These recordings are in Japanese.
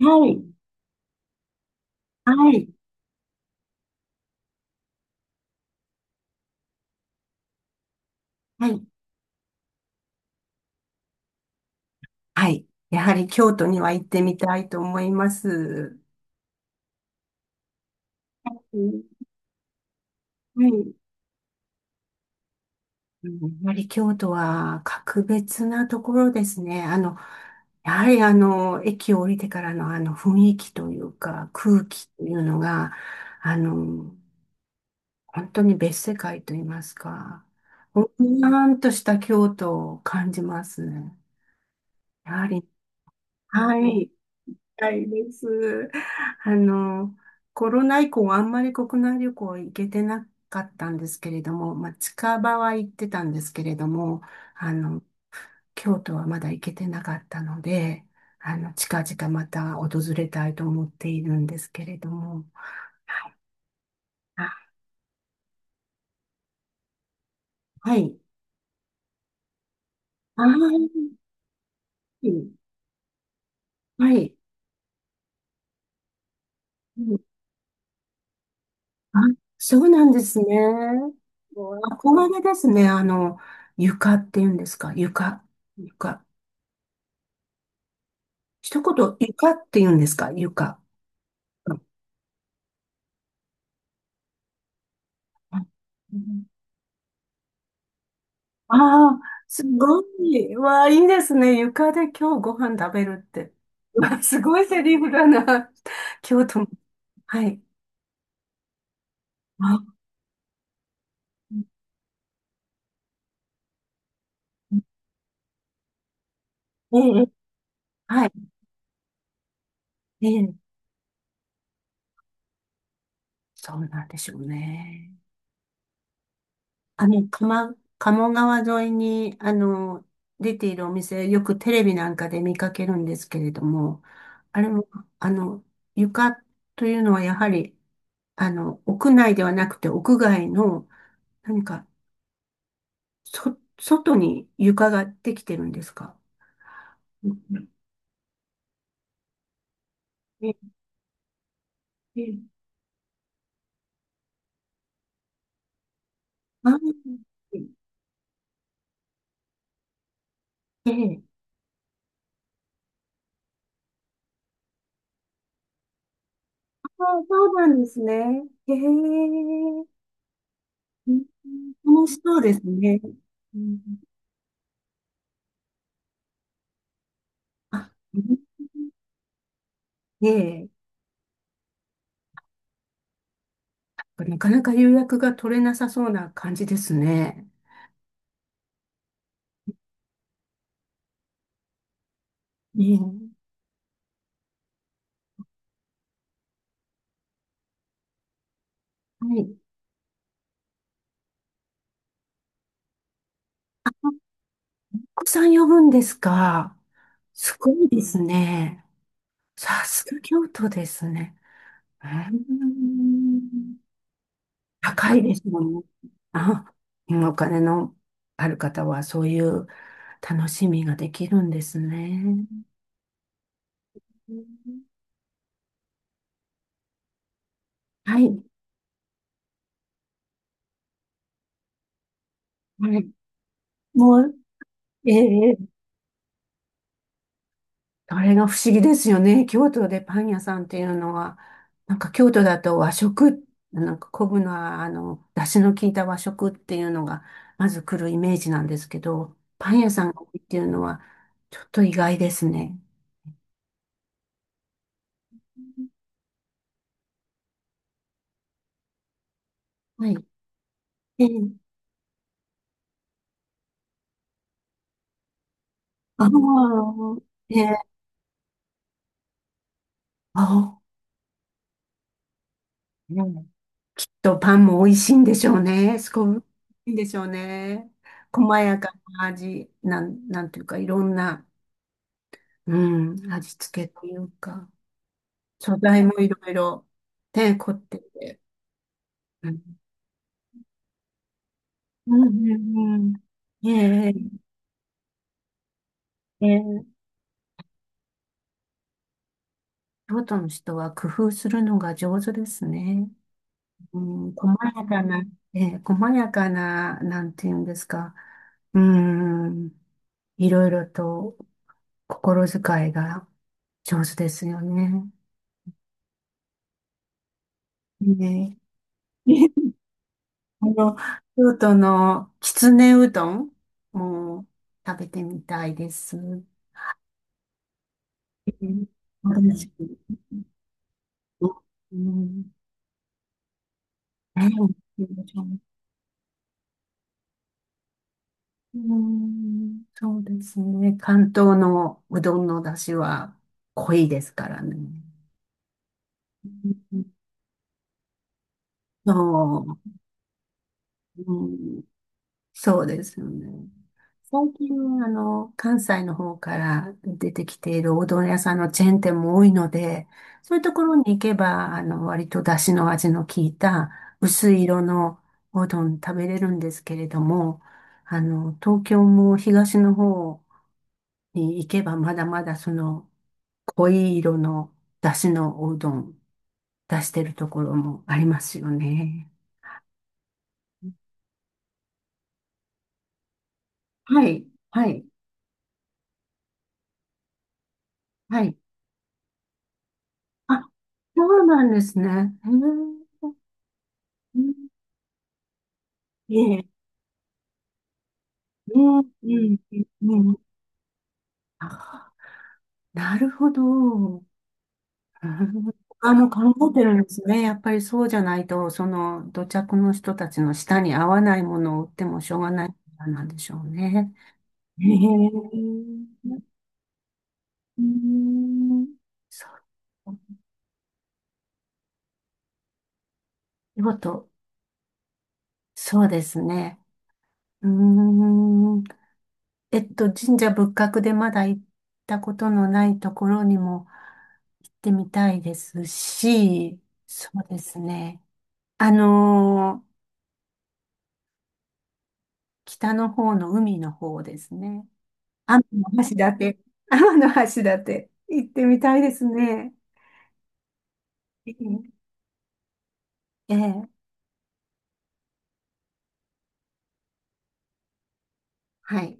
はい、はい、はい、はい。やはり京都には行ってみたいと思います。うん、はい。うん、やはり京都は格別なところですね。やはり駅を降りてからのあの雰囲気というか、空気というのが、あの、本当に別世界と言いますか、ぼんやんとした京都を感じますね。やはり、はい。たいです。あの、コロナ以降あんまり国内旅行行けてなかったんですけれども、まあ、近場は行ってたんですけれども、あの、京都はまだ行けてなかったので、近々また訪れたいと思っているんですけれども。あ、はい。ああ、はい。うん、あ、そうなんですね。憧れですね。床っていうんですか。床。床。一言、床って言うんですか床。ああー、すごい。わあ、いいですね。床で今日ご飯食べるって。わあすごいセリフだな。京都も。はい。あ、ええ、はい。ええ、そうなんでしょうね。鴨川沿いに、出ているお店、よくテレビなんかで見かけるんですけれども、あれも、あの、床というのはやはり、屋内ではなくて屋外の、何か、外に床ができてるんですか？うん、ええ、あー、ええ、あー、そうなんですね。へえ、うん、楽しそうですね。うん、あ、うん、ええ、なかなか予約が取れなさそうな感じですね。ねえ、はい。お子さん呼ぶんですか？すごいですね。さすが京都ですね。ーん高いですもんね。あ、お金のある方はそういう楽しみができるんですね。はい。はい。もう、ええ、あれが不思議ですよね。京都でパン屋さんっていうのは、なんか京都だと和食、なんか昆布の出汁の効いた和食っていうのが、まず来るイメージなんですけど、パン屋さんが多いっていうのは、ちょっと意外ですね。はい。ええ、ああ、ええ、ああ、うんと、パンも美味しいんでしょうね。すごい美味しいんでしょうね。細やかな味、なんていうか、いろんな、うん、味付けというか、素材もいろいろ、ね、凝ってて。うん、うん、うん。うん、ええ、ええ、京都の人は工夫するのが上手ですね。うん、細やかな、ええ、細やかな、なんていうんですか。うん。いろいろと心遣いが上手ですよね。ねえ。あの、京都のきつねうどんも食べてみたいです。うん私うんねうん、そうですね。関東のうどんの出汁は濃いですからね。そう。うん、そうですよね。最近、関西の方から出てきているおうどん屋さんのチェーン店も多いので、そういうところに行けば、割と出汁の味の効いた薄い色のおうどん食べれるんですけれども、東京も東の方に行けばまだまだその濃い色の出汁のおうどん出してるところもありますよね。はい、はい、はい。あ、そうなんですね。へえ、うん、ええ、ねえ、うん、うん、うん、あ、なるほど。うん、考えてるんですね。やっぱりそうじゃないと、その土着の人たちの舌に合わないものを売ってもしょうがないからなんでしょうね。へえ、うん、そう。見事、そうですね。うーん、神社仏閣でまだ行ったことのないところにも行ってみたいですし、そうですね。あのー北の方の海の方ですね。天橋立。天橋立。行ってみたいですね。ええ、ええ、はい。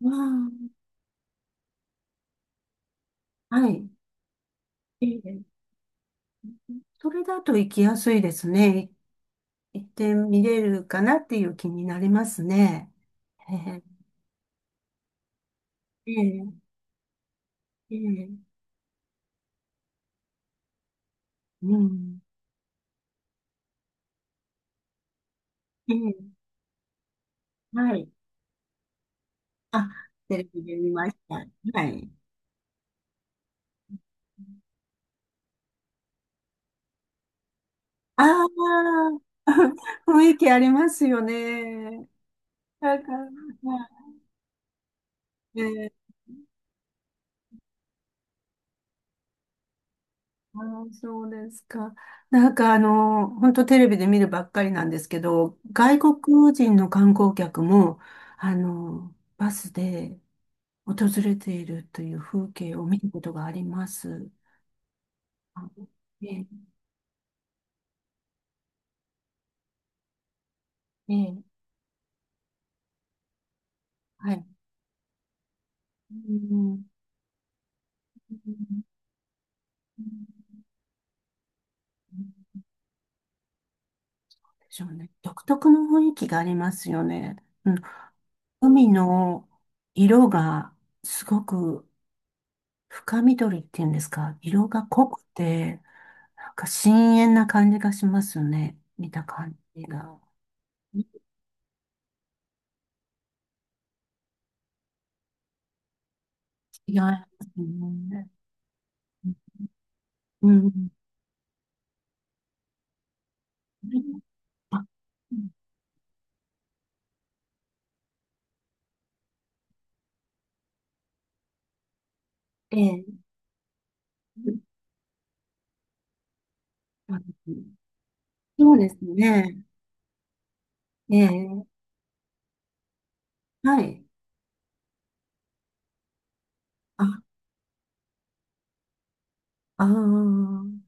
まあ、はい。ええ、それだと行きやすいですね。行ってみれるかなっていう気になりますね。ええ、ええ、ええ、うん。ええ、はい。あ、テレビで見ました。はい。ああ、雰囲気ありますよね。なんか、ま、え、ね、あー、そうですか。なんか本当テレビで見るばっかりなんですけど、外国人の観光客も、バスで訪れているという風景を見ることがあります。あ、ええ、ええ、はい。うん、でしょうね。独特の雰囲気がありますよね。うん。海の色がすごく深緑っていうんですか。色が濃くて、なんか深遠な感じがしますよね。見た感じが。違いますね。うん。あ、ええ。あ、そうですね。ええ。はい。あ、ああ、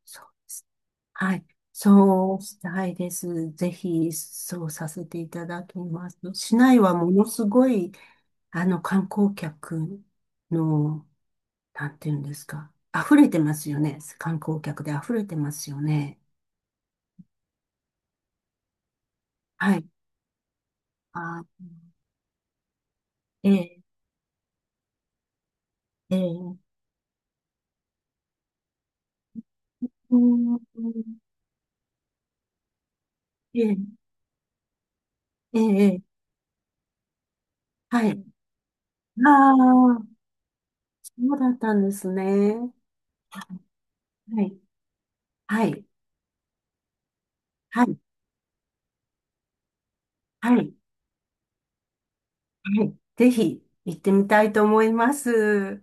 そうです。はい。そうしたいです。ぜひ、そうさせていただきます。市内はものすごい、観光客の、なんていうんですか。溢れてますよね。観光客で溢れてますよね。はい。あ、ええ、ええ、うん、ええ、ええ、ええ、はい。ああ、そうだったんですね。はい。はい。はい。はい。はい。ぜひ、行ってみたいと思います。